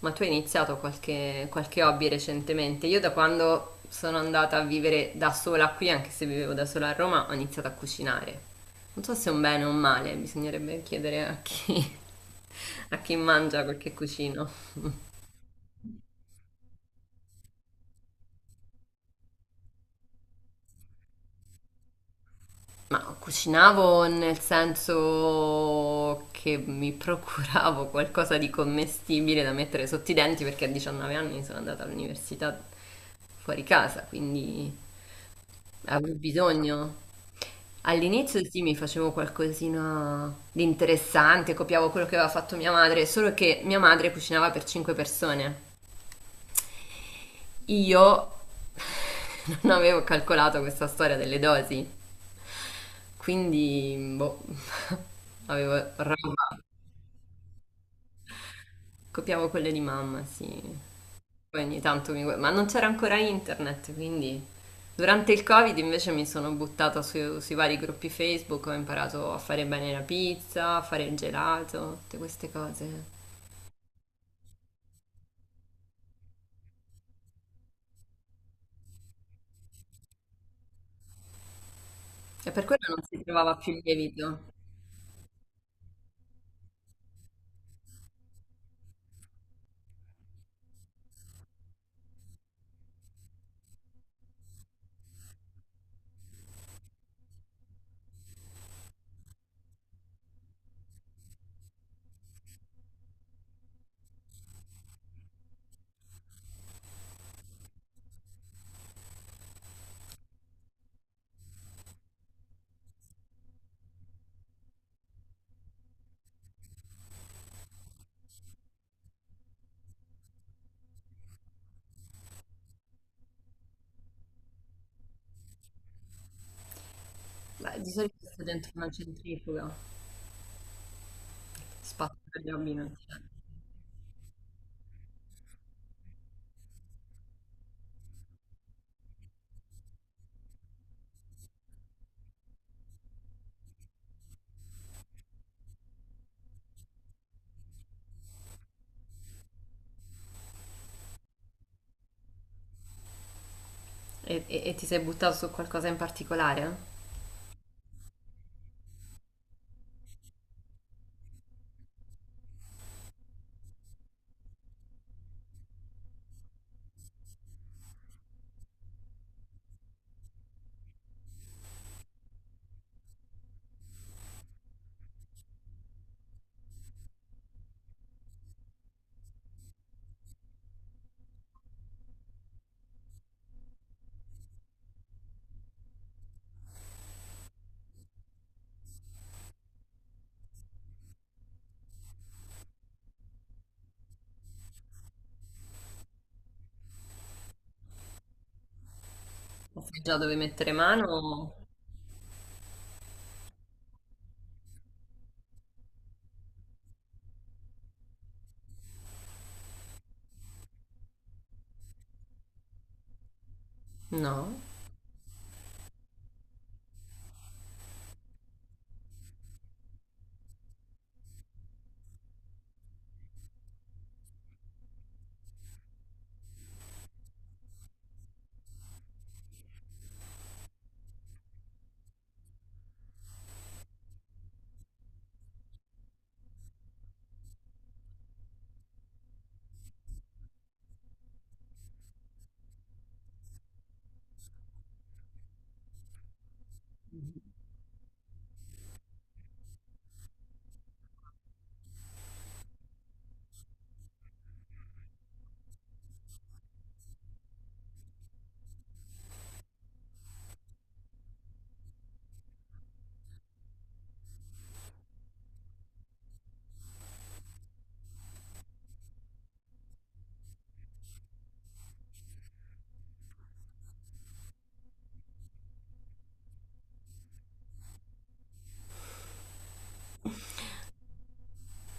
Ma tu hai iniziato qualche hobby recentemente? Io da quando sono andata a vivere da sola qui, anche se vivevo da sola a Roma, ho iniziato a cucinare. Non so se è un bene o un male, bisognerebbe chiedere a chi, a chi mangia quel che cucino. Ma cucinavo nel senso che mi procuravo qualcosa di commestibile da mettere sotto i denti perché a 19 anni sono andata all'università fuori casa, quindi avevo bisogno. All'inizio sì, mi facevo qualcosina di interessante, copiavo quello che aveva fatto mia madre, solo che mia madre cucinava per 5 persone. Io non avevo calcolato questa storia delle dosi, quindi boh, avevo roba. Copiavo quelle di mamma, sì. Poi ogni tanto ma non c'era ancora internet, quindi durante il Covid invece mi sono sui vari gruppi Facebook, ho imparato a fare bene la pizza, a fare il gelato, tutte queste cose. E per quello non si trovava più il lievito. Beh, di solito sta dentro una centrifuga, spazio per gli hobby non c'è. E ti sei buttato su qualcosa in particolare? O sai già dove mettere mano? O no.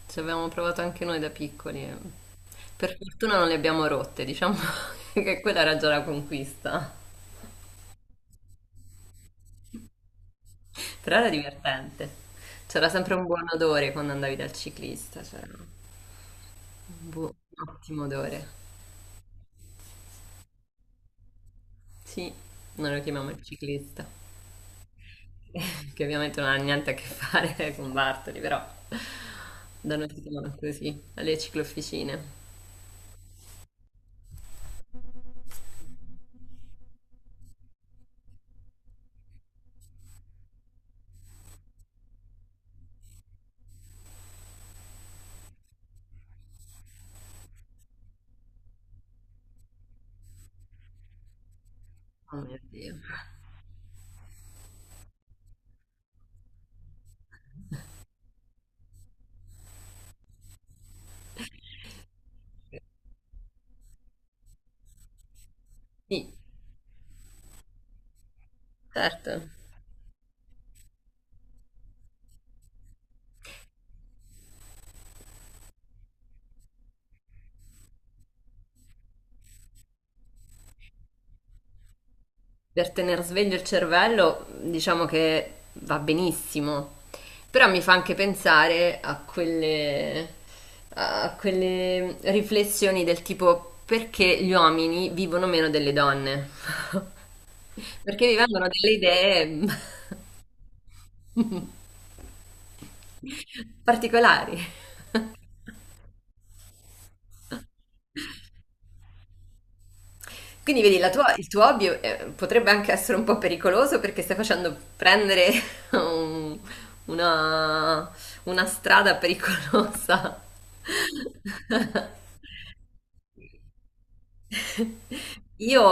Ci abbiamo provato anche noi da piccoli. E per fortuna non le abbiamo rotte, diciamo che quella era già la conquista. Però era divertente. C'era sempre un buon odore quando andavi dal ciclista, c'era un ottimo odore. Sì, noi lo chiamiamo il ciclista, che ovviamente non ha niente a che fare con Bartoli, però da noi si chiamano così, alle ciclofficine. Oh mio Dio. Sì, certo. Per tenere sveglio il cervello, diciamo che va benissimo, però mi fa anche pensare a a quelle riflessioni del tipo perché gli uomini vivono meno delle donne, perché vi vengono delle idee particolari. Quindi vedi, il tuo hobby potrebbe anche essere un po' pericoloso perché stai facendo prendere un- una, una strada pericolosa. Io,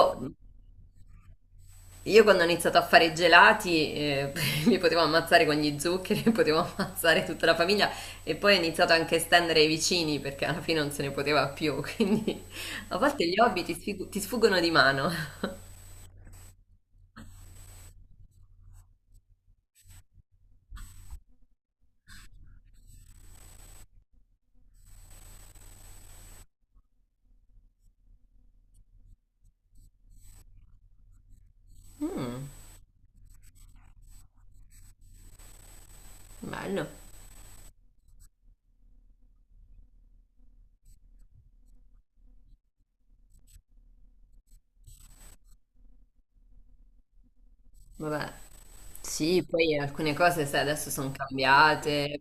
io quando ho iniziato a fare i gelati mi potevo ammazzare con gli zuccheri, potevo ammazzare tutta la famiglia e poi ho iniziato anche a estendere ai vicini perché alla fine non se ne poteva più, quindi a volte gli hobby ti sfuggono di mano. Mm, bello. Vabbè, sì, poi alcune cose, sai, adesso sono cambiate.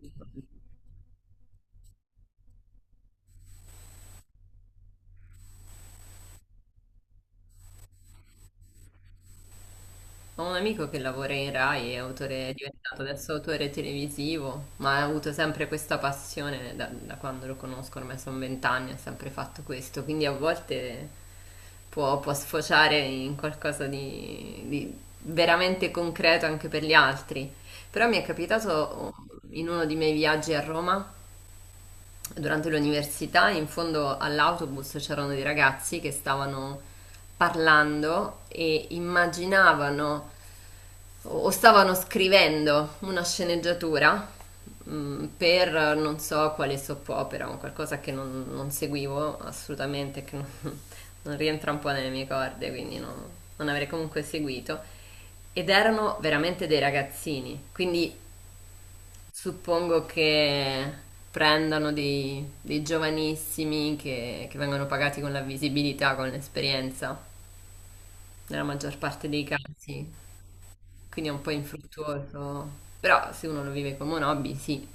Ho un amico che lavora in Rai, è autore, è diventato adesso autore televisivo, ma ha avuto sempre questa passione da quando lo conosco, ormai sono 20 anni, ha sempre fatto questo, quindi a volte può sfociare in qualcosa di veramente concreto anche per gli altri. Però mi è capitato in uno dei miei viaggi a Roma durante l'università in fondo all'autobus c'erano dei ragazzi che stavano parlando e immaginavano o stavano scrivendo una sceneggiatura mm, per non so quale soap opera, un qualcosa che non, non seguivo assolutamente, che non, non rientra un po' nelle mie corde, quindi non avrei comunque seguito. Ed erano veramente dei ragazzini, quindi suppongo che prendano dei giovanissimi che vengono pagati con la visibilità, con l'esperienza, nella maggior parte dei casi, quindi è un po' infruttuoso, però se uno lo vive come un hobby, sì,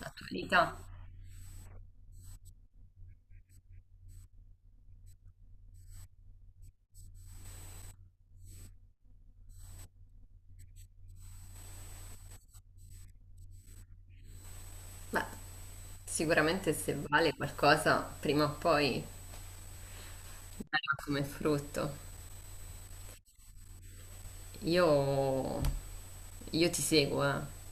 l'attualità. Beh, sicuramente se vale qualcosa, prima o poi darà come frutto. Io, io ti seguo, eh.